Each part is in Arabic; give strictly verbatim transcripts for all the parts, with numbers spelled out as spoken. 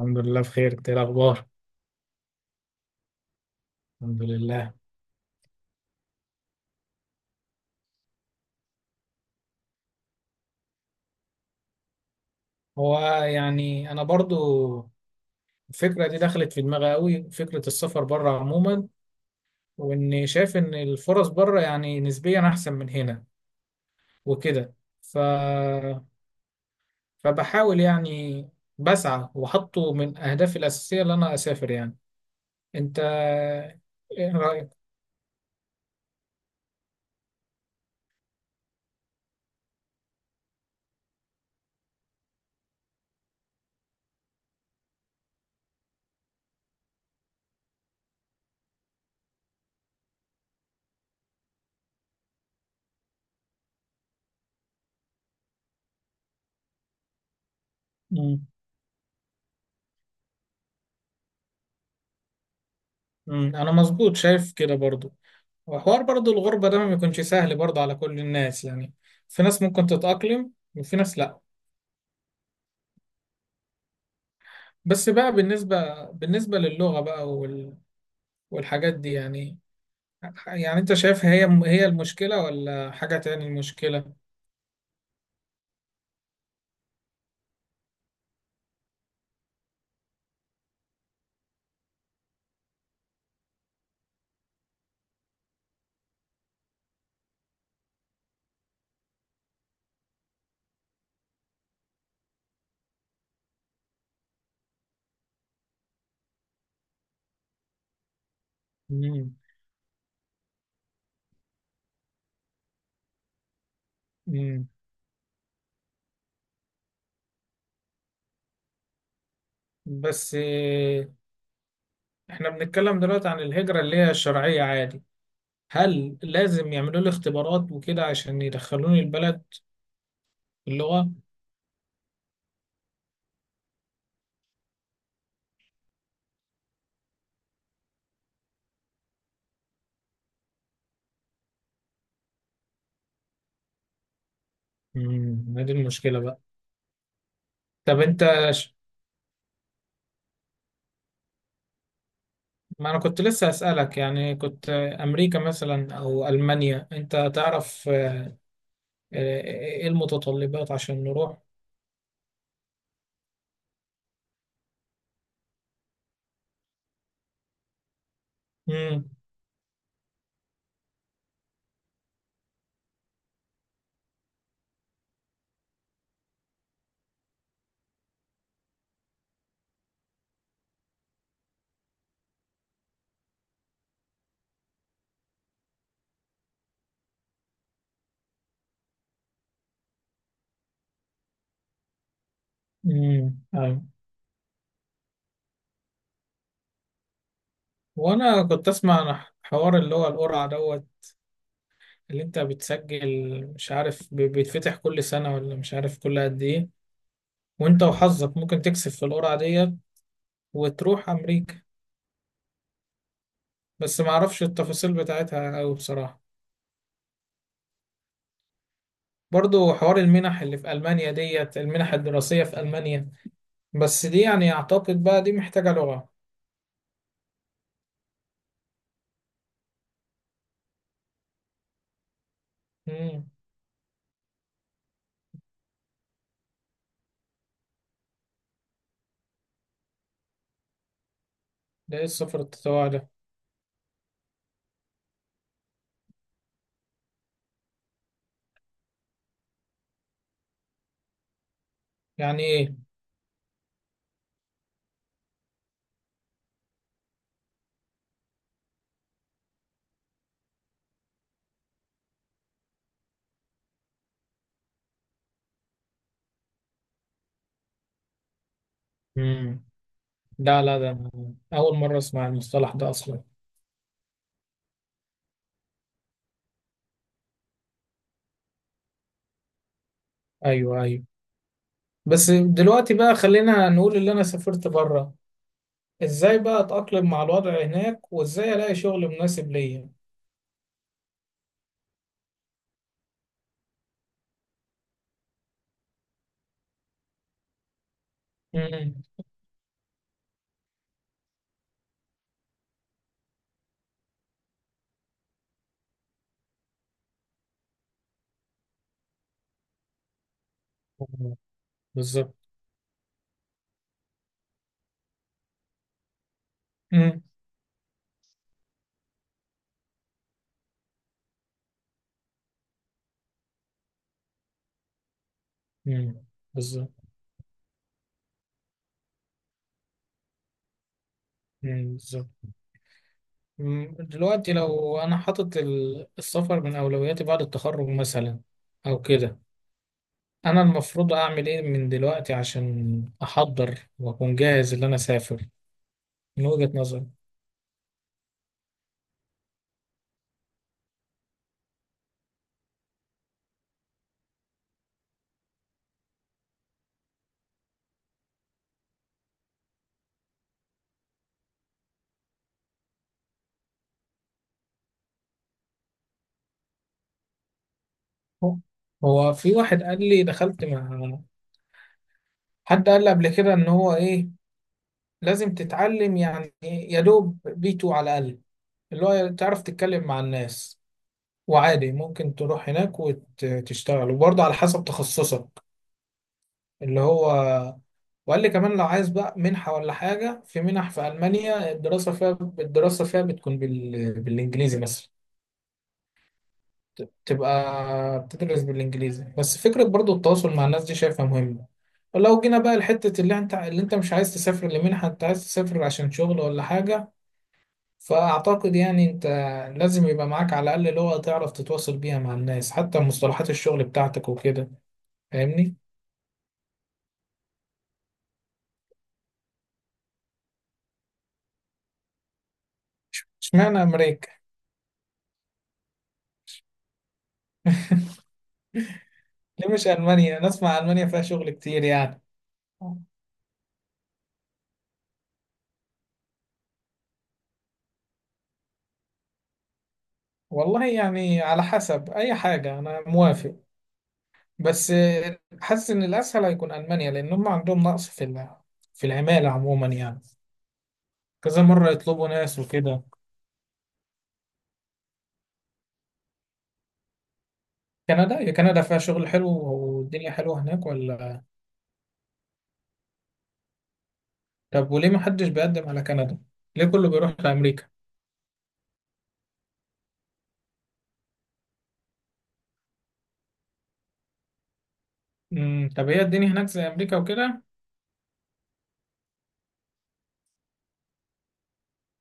الحمد لله بخير، انت ايه الاخبار؟ الحمد لله. هو، يعني انا برضو الفكره دي دخلت في دماغي قوي، فكره السفر بره عموما، واني شايف ان الفرص بره يعني نسبيا احسن من هنا وكده. ف فبحاول يعني، بسعى وحطه من اهدافي الاساسيه ان انا اسافر يعني. انت ايه رايك؟ مم. مم. انا مظبوط شايف كده برضو. وحوار برضو الغربه ده ما بيكونش سهل برضو على كل الناس يعني. في ناس ممكن تتاقلم وفي ناس لا. بس بقى بالنسبة بالنسبة للغة بقى وال... والحاجات دي يعني. يعني انت شايف هي هي المشكلة ولا حاجة تاني المشكلة؟ مم. مم. بس آه، احنا بنتكلم دلوقتي عن الهجرة اللي هي الشرعية عادي. هل لازم يعملوا لي اختبارات وكده عشان يدخلوني البلد؟ اللغة. مم. هذه المشكلة بقى. طب انت، ش- ما انا كنت لسه أسألك، يعني كنت، آه، امريكا مثلا او المانيا، انت تعرف آه، ايه المتطلبات عشان نروح؟ امم. امم، ايوه. وانا كنت اسمع عن حوار اللي هو القرعه دوت، اللي انت بتسجل مش عارف، بي- بيتفتح كل سنه ولا مش عارف كل قد ايه. وانت وحظك ممكن تكسب في القرعه ديت وتروح امريكا. بس ما اعرفش التفاصيل بتاعتها قوي بصراحه. برضو حوار المنح اللي في المانيا ديت، المنح الدراسيه في المانيا، بس دي يعني اعتقد بقى دي محتاجه لغه. امم. ده ايه السفر التطوعي ده؟ يعني ايه؟ امم. لا لا، ده أنا اول مره اسمع المصطلح ده اصلا. ايوه ايوه. بس دلوقتي بقى خلينا نقول اللي انا سافرت بره، ازاي بقى اتأقلم مع الوضع هناك وازاي الاقي شغل مناسب ليا؟ امم، بالظبط. امم. أمم. بالظبط. أمم. بالظبط. أمم. دلوقتي لو انا حاطط ال- السفر من اولوياتي بعد التخرج مثلا او كده، انا المفروض اعمل ايه من دلوقتي عشان احضر واكون جاهز اللي انا اسافر، من وجهة نظري؟ هو هو في واحد قال لي، دخلت مع حد قال لي قبل كده ان هو ايه، لازم تتعلم يعني يا دوب بي اتنين على الاقل، اللي هو تعرف تتكلم مع الناس. وعادي ممكن تروح هناك وتشتغل وبرضه على حسب تخصصك اللي هو. وقال لي كمان لو عايز بقى منحة ولا حاجة، في منح في ألمانيا الدراسة فيها الدراسة فيها بتكون بال... بالإنجليزي مثلا، تبقى بتدرس بالانجليزي، بس فكره برضو التواصل مع الناس دي شايفها مهمه. ولو جينا بقى لحته اللي انت اللي انت مش عايز تسافر لمنحه، انت عايز تسافر عشان شغل ولا حاجه، فاعتقد يعني انت لازم يبقى معاك على الاقل لغه تعرف تتواصل بيها مع الناس حتى مصطلحات الشغل بتاعتك وكده، فاهمني؟ اشمعنى امريكا؟ ليه مش المانيا؟ نسمع المانيا فيها شغل كتير يعني. والله يعني على حسب، اي حاجه انا موافق. بس آه، حاسس ان الاسهل هيكون المانيا لان هم عندهم نقص في ال- في العماله عموما يعني، كذا مره يطلبوا ناس وكده. كندا؟ يا كندا فيها شغل حلو والدنيا حلوه هناك ولا؟ طب وليه ما حدش بيقدم على كندا؟ ليه كله بيروح لامريكا؟ امم. طب هي الدنيا هناك زي امريكا وكده؟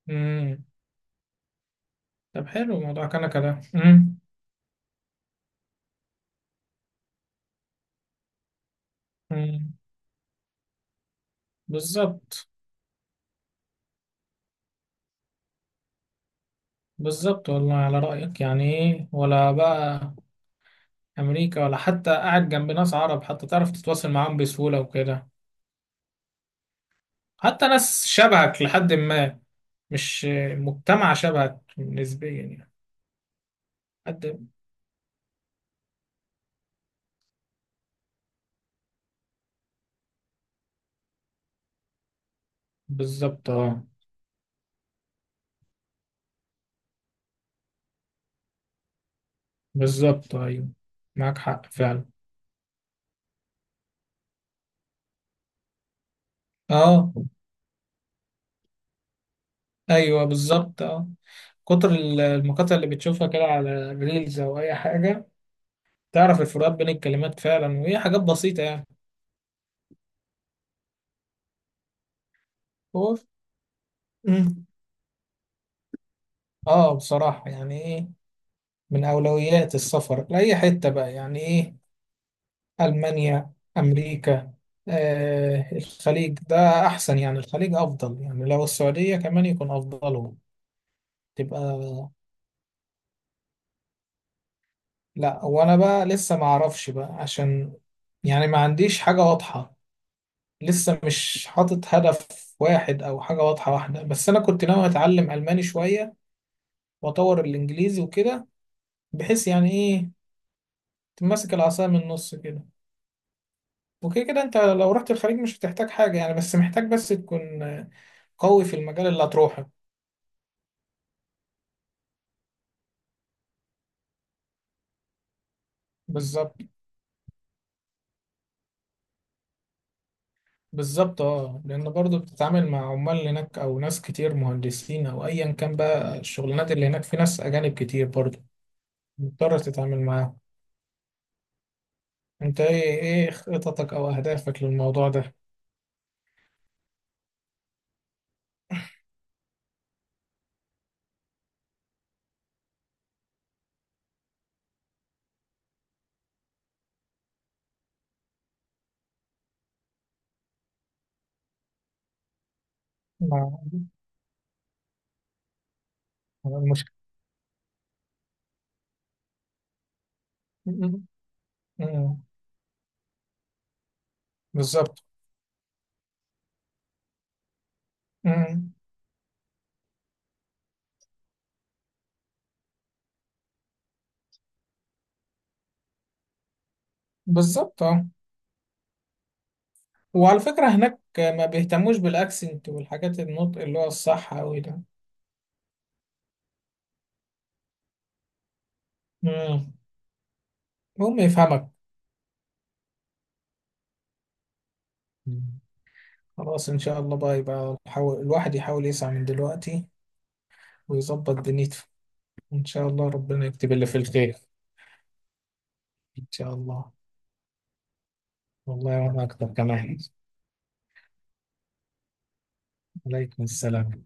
امم. طب حلو، موضوع كندا ده. امم. امم، بالظبط. بالظبط، والله على رأيك، يعني ايه ولا بقى أمريكا؟ ولا حتى قاعد جنب ناس عرب، حتى تعرف تتواصل معاهم بسهولة وكده، حتى ناس شبهك لحد ما. مش مجتمع شبهك نسبيا يعني. حد. بالظبط اه، بالظبط ايوه، معاك حق فعلا. اه، ايوه بالظبط اه. كتر ال- المقاطع اللي بتشوفها كده على ريلز او اي حاجه، تعرف الفروقات بين الكلمات فعلا، وهي حاجات بسيطه يعني. هو. مم. اه بصراحه يعني ايه، من اولويات السفر لاي حته بقى يعني ايه، ألمانيا، أمريكا، آه الخليج ده أحسن، يعني الخليج أفضل يعني، لو السعودية كمان يكون أفضلهم. تبقى. لا، وأنا بقى لسه ما أعرفش بقى عشان يعني ما عنديش حاجة واضحة. لسه مش حاطط هدف واحد أو حاجة واضحة واحدة، بس أنا كنت ناوي أتعلم ألماني شوية وأطور الإنجليزي وكده، بحيث يعني إيه، تمسك العصاية من النص كده. وكده كده أنت لو رحت الخليج مش هتحتاج حاجة يعني، بس محتاج بس تكون قوي في المجال اللي هتروحه. بالظبط، بالظبط اه، لان برضو بتتعامل مع عمال هناك او ناس كتير مهندسين او ايا كان بقى الشغلانات اللي هناك في ناس اجانب كتير برضو، مضطر تتعامل معاهم. انت ايه ايه خططك او اهدافك للموضوع ده؟ مع مع المشكلة. م- م- م- بالظبط. م- بالظبط اه. وعلى فكرة هناك ما بيهتموش بالاكسنت والحاجات، النطق اللي هو الصح اوي ده. مم. هم يفهمك. مم. خلاص ان شاء الله بقى، يبقى الحاول- الواحد يحاول يسعى من دلوقتي ويظبط دنيته. إن شاء الله ربنا يكتب اللي في الخير، إن شاء الله. والله وأنا أكتر كمان. عليكم السلام.